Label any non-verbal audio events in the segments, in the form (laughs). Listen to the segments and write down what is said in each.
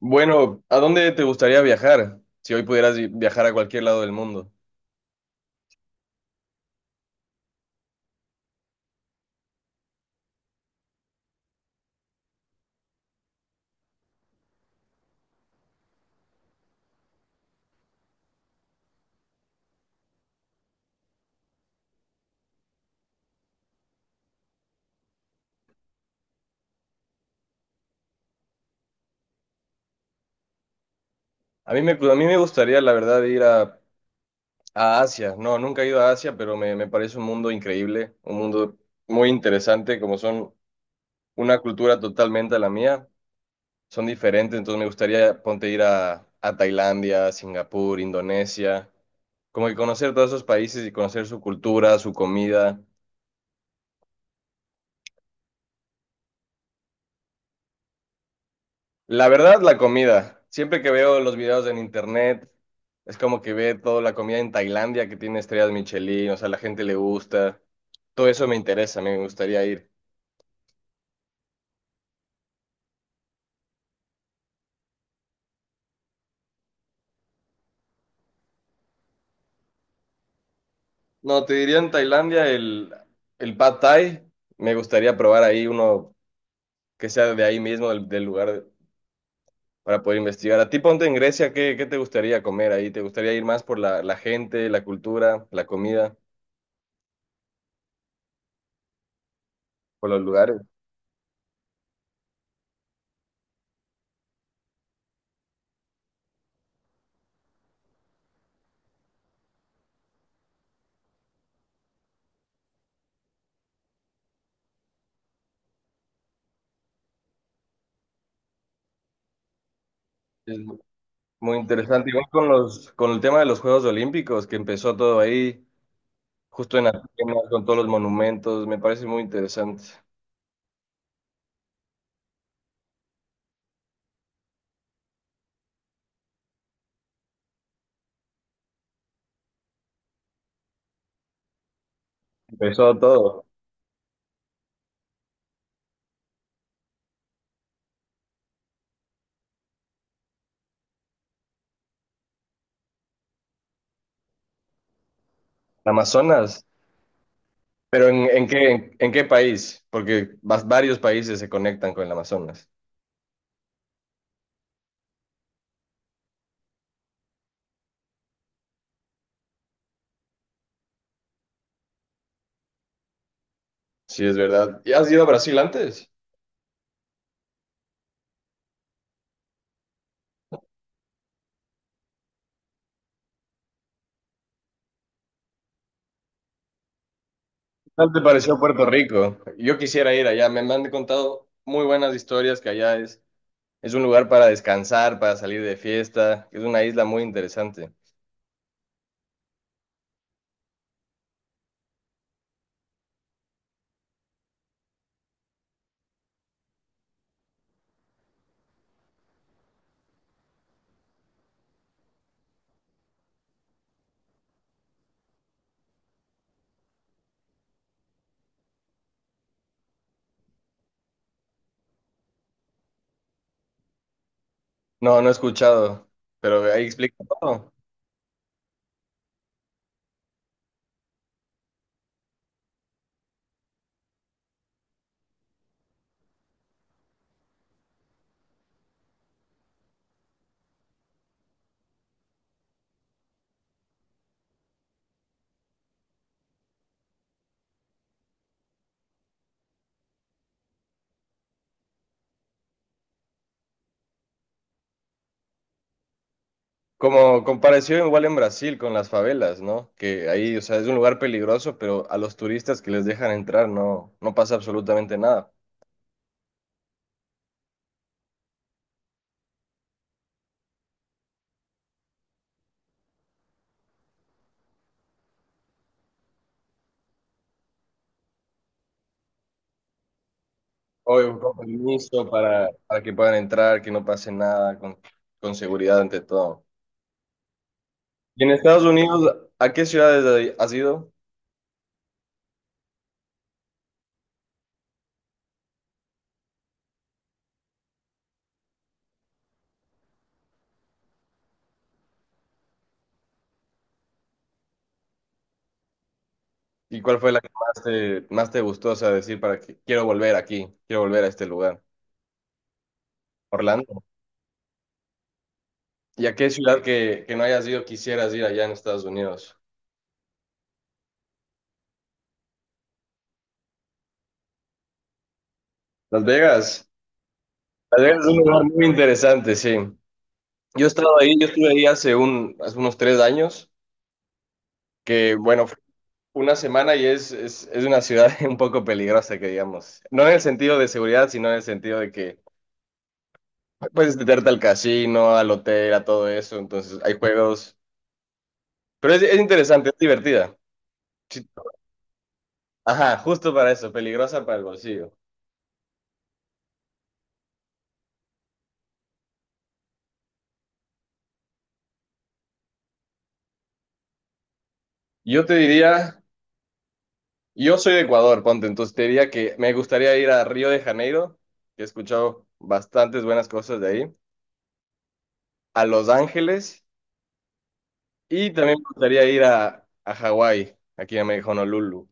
Bueno, ¿a dónde te gustaría viajar? Si hoy pudieras viajar a cualquier lado del mundo. A mí me gustaría, la verdad, ir a Asia. No, nunca he ido a Asia, pero me parece un mundo increíble, un mundo muy interesante, como son una cultura totalmente a la mía. Son diferentes, entonces me gustaría, ponte, ir a Tailandia, Singapur, Indonesia, como que conocer todos esos países y conocer su cultura, su comida. La verdad, la comida. Siempre que veo los videos en internet, es como que ve toda la comida en Tailandia que tiene estrellas Michelin, o sea, la gente le gusta. Todo eso me interesa, me gustaría ir. No, te diría en Tailandia el Pad Thai. Me gustaría probar ahí uno que sea de ahí mismo, del lugar, para poder investigar. A ti, ponte en Grecia, ¿ qué te gustaría comer ahí? ¿Te gustaría ir más por la gente, la cultura, la comida, por los lugares? Muy interesante. Igual con con el tema de los Juegos Olímpicos, que empezó todo ahí, justo en Atenas, con todos los monumentos, me parece muy interesante. Empezó todo. En Amazonas. Pero en qué país? Porque varios países se conectan con el Amazonas. Sí, es verdad. ¿Y has ido a Brasil antes? ¿Qué tal te pareció Puerto Rico? Yo quisiera ir allá. Me han contado muy buenas historias que allá es un lugar para descansar, para salir de fiesta, que es una isla muy interesante. No, no he escuchado, pero ahí explica todo. Como comparación igual en Brasil con las favelas, ¿no? Que ahí, o sea, es un lugar peligroso, pero a los turistas que les dejan entrar no, no pasa absolutamente nada. Obvio, con permiso para que puedan entrar, que no pase nada, con seguridad ante todo. Y en Estados Unidos, ¿a qué ciudades has ido? ¿Y cuál fue la que más te gustó, o sea, decir para que quiero volver aquí, quiero volver a este lugar? Orlando. ¿Y a qué ciudad que no hayas ido quisieras ir allá en Estados Unidos? Las Vegas. Las Vegas es un lugar muy interesante, sí. Yo he estado ahí, yo estuve ahí hace unos 3 años, que bueno, fue una semana y es una ciudad (laughs) un poco peligrosa, que digamos. No en el sentido de seguridad, sino en el sentido de que puedes meterte al casino, al hotel, a todo eso, entonces hay juegos. Pero es interesante, es divertida. Sí. Ajá, justo para eso, peligrosa para el bolsillo. Yo te diría... Yo soy de Ecuador, ponte, entonces te diría que me gustaría ir a Río de Janeiro, que he escuchado bastantes buenas cosas de ahí, a Los Ángeles y también me gustaría ir a Hawái, aquí a Honolulu,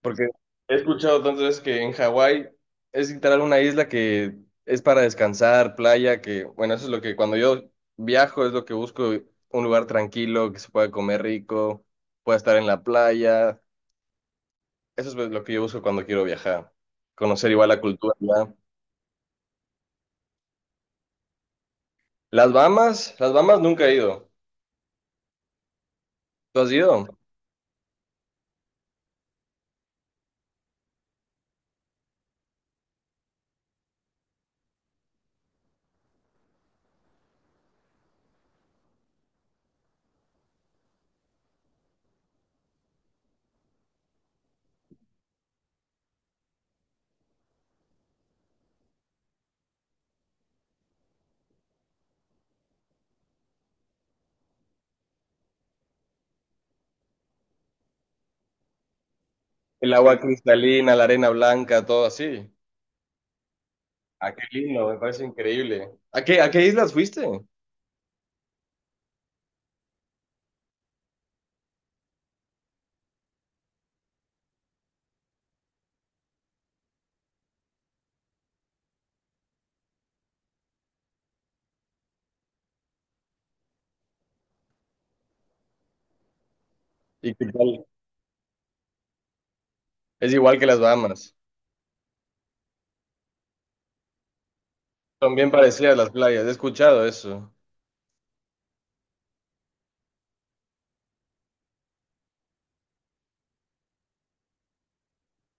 porque he escuchado tantas veces que en Hawái es literal una isla que es para descansar, playa, que bueno, eso es lo que cuando yo viajo es lo que busco, un lugar tranquilo, que se pueda comer rico, pueda estar en la playa, eso es lo que yo busco cuando quiero viajar, conocer igual la cultura. Las Bahamas nunca he ido. ¿Tú has ido? El agua cristalina, la arena blanca, todo así. Ah, qué lindo, me parece increíble. A qué islas fuiste? ¿Y qué tal? Es igual que las Bahamas. Son bien parecidas las playas, he escuchado eso.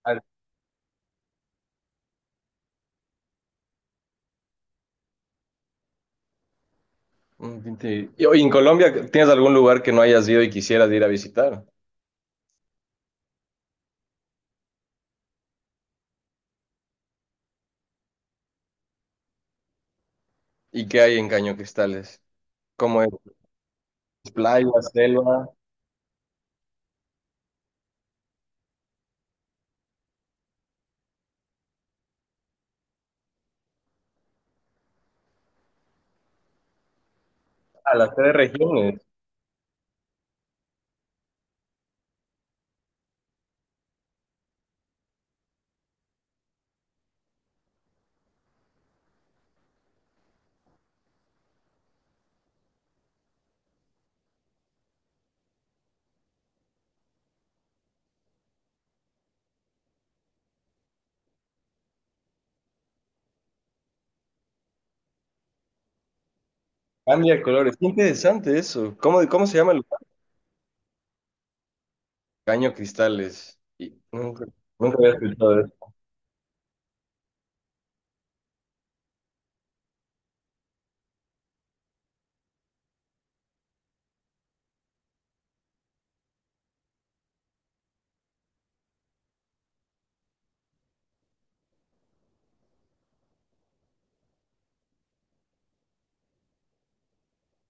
Ah, mm, sí. Sí. Y oye, en Colombia, ¿tienes algún lugar que no hayas ido y quisieras ir a visitar? ¿Y qué hay en Caño Cristales? ¿Cómo es? ¿Playa, selva? A las tres regiones. Cambia de colores. Qué interesante eso. ¿Cómo, cómo se llama el? Caño Cristales. Y nunca, nunca había escuchado eso.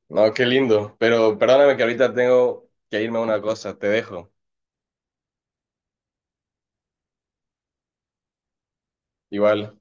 No, qué lindo. Pero perdóname que ahorita tengo que irme a una cosa. Te dejo. Igual.